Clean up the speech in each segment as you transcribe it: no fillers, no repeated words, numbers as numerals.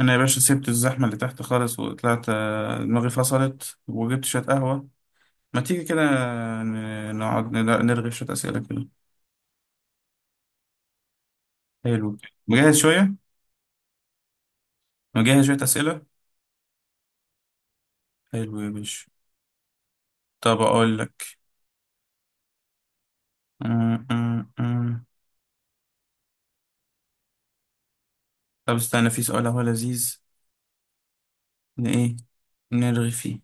انا يا باشا سبت الزحمه اللي تحت خالص وطلعت، دماغي فصلت وجبت شويه قهوه. ما تيجي كده نقعد نرغي شويه اسئله كده. حلو. مجهز شويه. مجهز شويه اسئله. حلو يا باشا. طب اقول لك. م- م- م. طب استنى، في سؤال اهو لذيذ ايه نرغي فيه.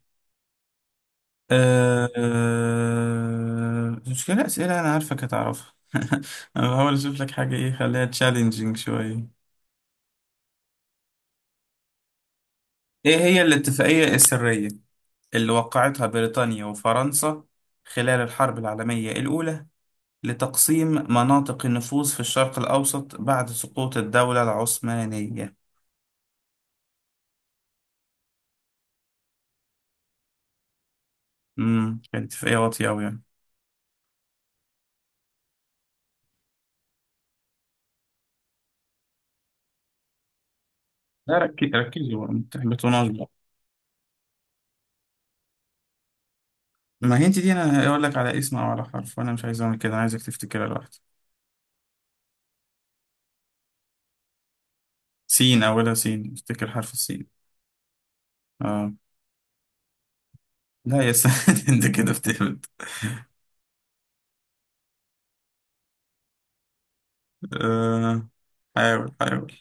أه آه، مشكلة أسئلة أنا عارفك هتعرفها أنا بحاول أشوف لك حاجة، إيه، خليها تشالنجينج شوية. إيه هي الاتفاقية السرية؟ اللي وقعتها بريطانيا وفرنسا خلال الحرب العالمية الأولى لتقسيم مناطق النفوذ في الشرق الأوسط بعد سقوط الدولة العثمانية. كانت في أي واطية أوي يعني. لا، ركزي بقى، ما تحبطوناش بقى. ما هي انت دي، انا هقول لك على اسم او على حرف، وانا مش عايز اعمل كده، انا عايزك تفتكرها لوحدك. سين اولها، سين افتكر، حرف السين. اه. لا يا سيد انت كده بتهبط. آه. حاول حاول.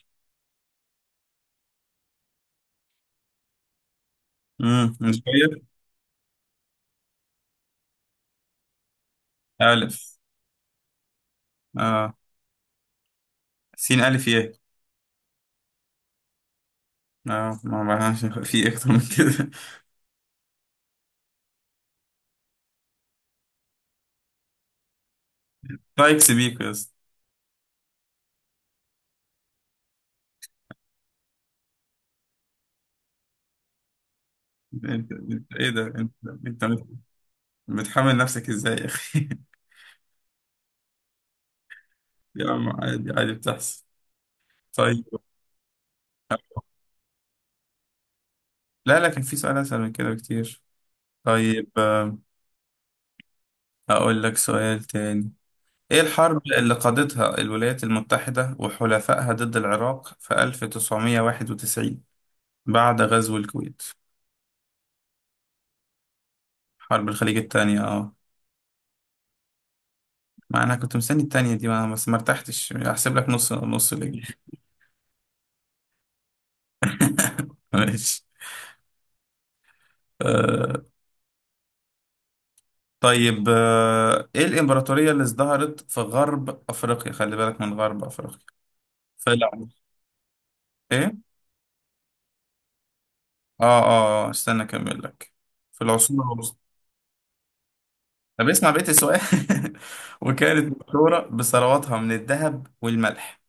مش غير. الف. اه. سين الف يه. اه، ما معناش في اكتر من كده. رايكس بيك يا اسطى. انت ايه ده؟ انت بتحمل نفسك ازاي يا اخي؟ يا عم عادي عادي، بتحصل. طيب. لا، لكن في سؤال اسهل من كده بكتير. طيب، اقول لك سؤال تاني. ايه الحرب اللي قادتها الولايات المتحدة وحلفائها ضد العراق في 1991 بعد غزو الكويت؟ حرب الخليج التانية، اه. ما انا كنت مستني التانية دي، ما بس ما ارتحتش، احسب لك نص نص ليه. ماشي. آه، طيب، ايه الامبراطورية اللي ازدهرت في غرب افريقيا؟ خلي بالك من غرب افريقيا. في الع- ايه؟ استنى اكمل لك. في العصور الوسطى. طب اسمع بقية السؤال وكانت مشهورة بثرواتها من الذهب والملح.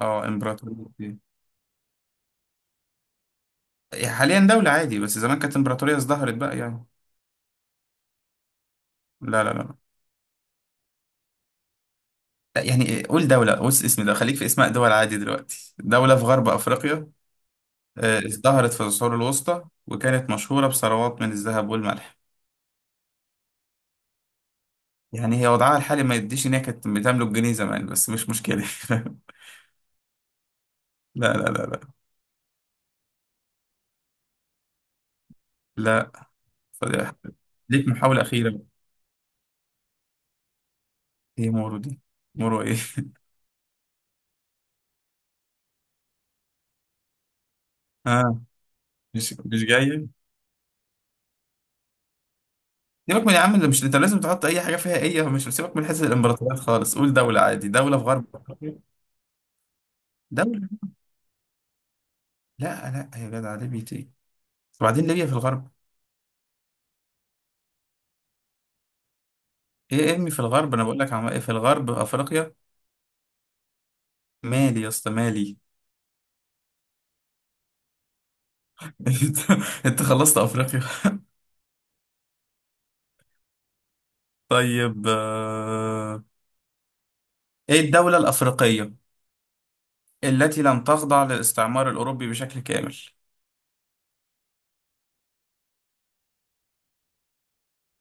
اه، امبراطورية إيه؟ حاليا دولة عادي، بس زمان كانت امبراطورية ازدهرت بقى يعني. لا لا لا. لا، يعني إيه، قول دولة. بص، اسم ده، خليك في اسماء دول عادي دلوقتي، دولة في غرب افريقيا، ازدهرت في العصور الوسطى وكانت مشهورة بثروات من الذهب والملح. يعني هي وضعها الحالي ما يديش إن هي كانت بتملك جنيه زمان، بس مش مشكلة لا لا. لا لا. لا. فضيحة. ليك محاولة أخيرة. إيه مورو دي؟ مورو إيه؟ آه، مش مش جاي. سيبك من يا عم اللي مش انت لازم تحط اي حاجه فيها ايه، مش، سيبك من حته الامبراطوريات خالص، قول دوله عادي، دوله في غرب أفريقيا. دوله. لا لا يا جدع، ليبيا ايه؟ وبعدين ليبيا في الغرب؟ ايه ارمي في الغرب، انا بقول لك عم، إيه، في الغرب افريقيا. مالي يا اسطى، مالي. انت انت خلصت افريقيا. طيب، ايه الدولة الافريقية التي لم تخضع للاستعمار الاوروبي بشكل كامل؟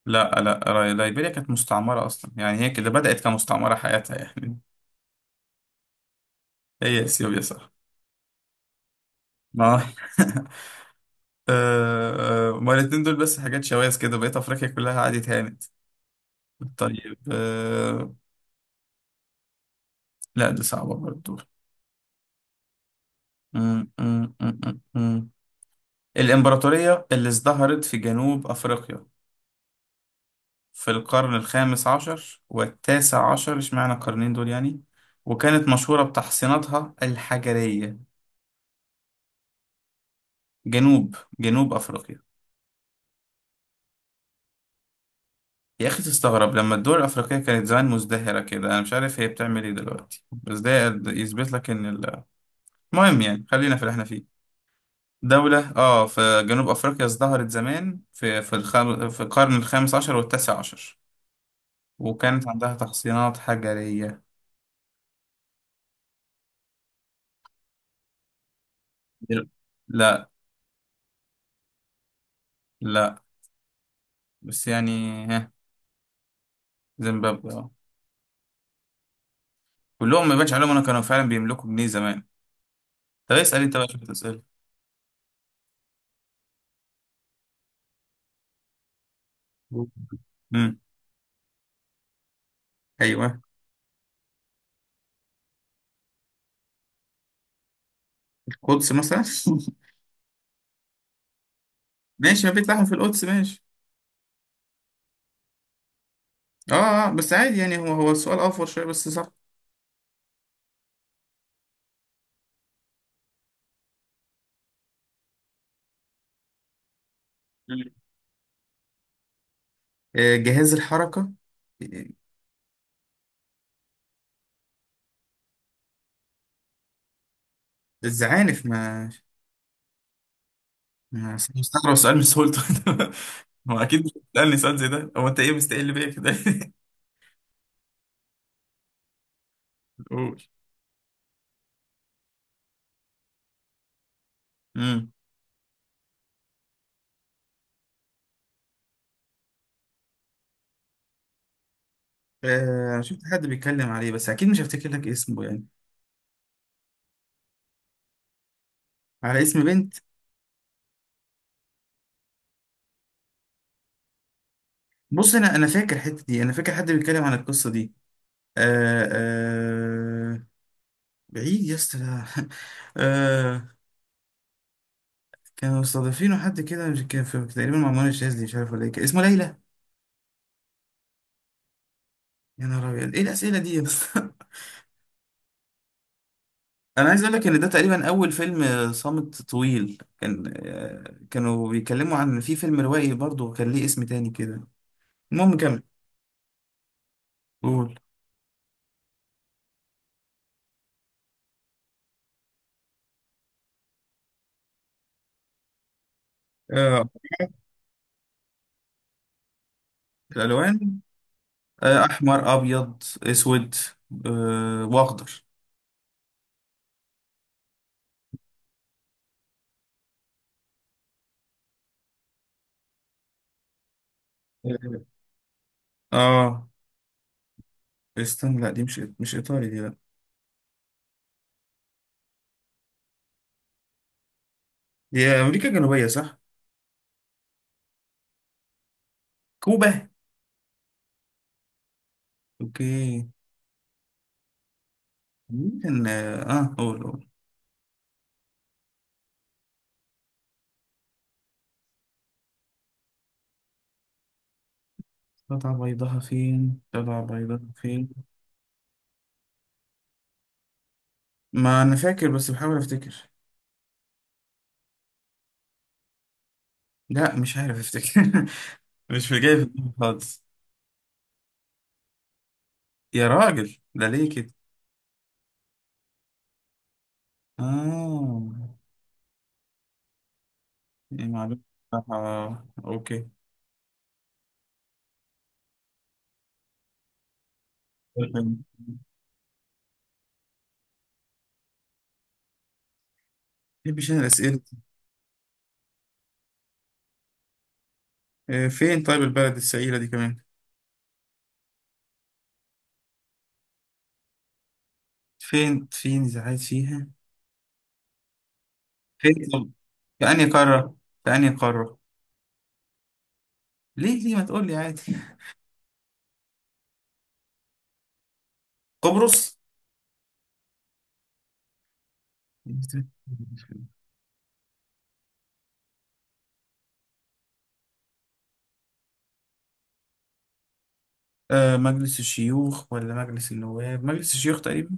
لا لا، ليبيريا كانت مستعمرة اصلا، يعني هي كده بدأت كمستعمرة حياتها يعني. هي اثيوبيا، صح. ما ما الاتنين دول بس حاجات شواذ كده، بقيت افريقيا كلها قعدت هانت. طيب، لا دي صعبة برضو. م- م- م- م- م. الإمبراطورية اللي ازدهرت في جنوب أفريقيا في القرن الخامس عشر والتاسع عشر، اشمعنى القرنين دول يعني، وكانت مشهورة بتحصيناتها الحجرية. جنوب أفريقيا. يا أخي تستغرب لما الدول الأفريقية كانت زمان مزدهرة كده. أنا مش عارف هي بتعمل إيه دلوقتي، بس ده يثبت لك إن المهم يعني، خلينا في اللي إحنا فيه. دولة في جنوب أفريقيا، ازدهرت زمان في الخم، في القرن الخامس عشر والتاسع عشر، وكانت عندها تحصينات حجرية. دل- لا. لا. بس يعني ها. زيمبابوي. كلهم ما يبانش عليهم انا كانوا فعلا بيملكوا جنيه زمان. طب اسال انت بقى شويه اسئله. امم ايوه. القدس مثلا. ماشي، ما بيت لحم في القدس، ماشي. اه، بس عادي يعني، هو هو السؤال اوفر شويه بس صح. مم. جهاز الحركه. آه، الزعانف. ما، ما مستغرب سؤال من سهولته. هو اكيد مش بتسالني سؤال زي ده. هو انت ايه مستقل بيا كده؟ قول. امم انا شفت حد بيتكلم عليه بس اكيد مش هفتكر لك اسمه يعني. على اسم بنت. بص، انا فاكر الحته دي، انا فاكر حد بيتكلم عن القصه دي. آه آه بعيد يا اسطى، لا. آه، كانوا مستضيفينه حد كده، مش كان في تقريبا مع منى الشاذلي، مش عارف ولا ايه، كان اسمه ليلى. يا نهار ابيض، ايه الاسئله دي يا اسطى؟ انا عايز اقول لك ان ده تقريبا اول فيلم صامت طويل، كان آه كانوا بيتكلموا عن في فيلم روائي برضه كان ليه اسم تاني كده. المهم كمل. قول. آه الالوان. احمر ابيض اسود واخضر. اه، آه، استنى، لا دي مش مش ايطالي دي. دي أمريكا الجنوبية، صح؟ كوبا. أوكي. مين كان قول قول. قطع بيضها فين؟ قطع بيضها فين؟ ما أنا فاكر، بس بحاول أفتكر. لا مش عارف أفتكر مش في جاي في دماغي خالص. يا راجل ده ليه كده؟ آه. يعني معلومة بصراحة. أوكي. ما بحبش أنا الأسئلة دي. فين طيب البلد السعيدة دي كمان؟ فين فين إذا عايز فيها؟ فين طب؟ في أنهي قارة؟ في أنهي قارة؟ ليه ليه ما تقول لي عادي؟ قبرص؟ آه، مجلس الشيوخ ولا مجلس النواب، مجلس الشيوخ تقريبا.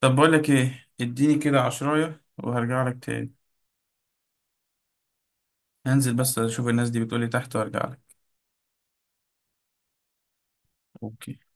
طب بقول لك ايه، اديني كده عشراية وهرجع لك تاني. هنزل بس اشوف الناس دي بتقول لي تحت وارجع لك. اوكي.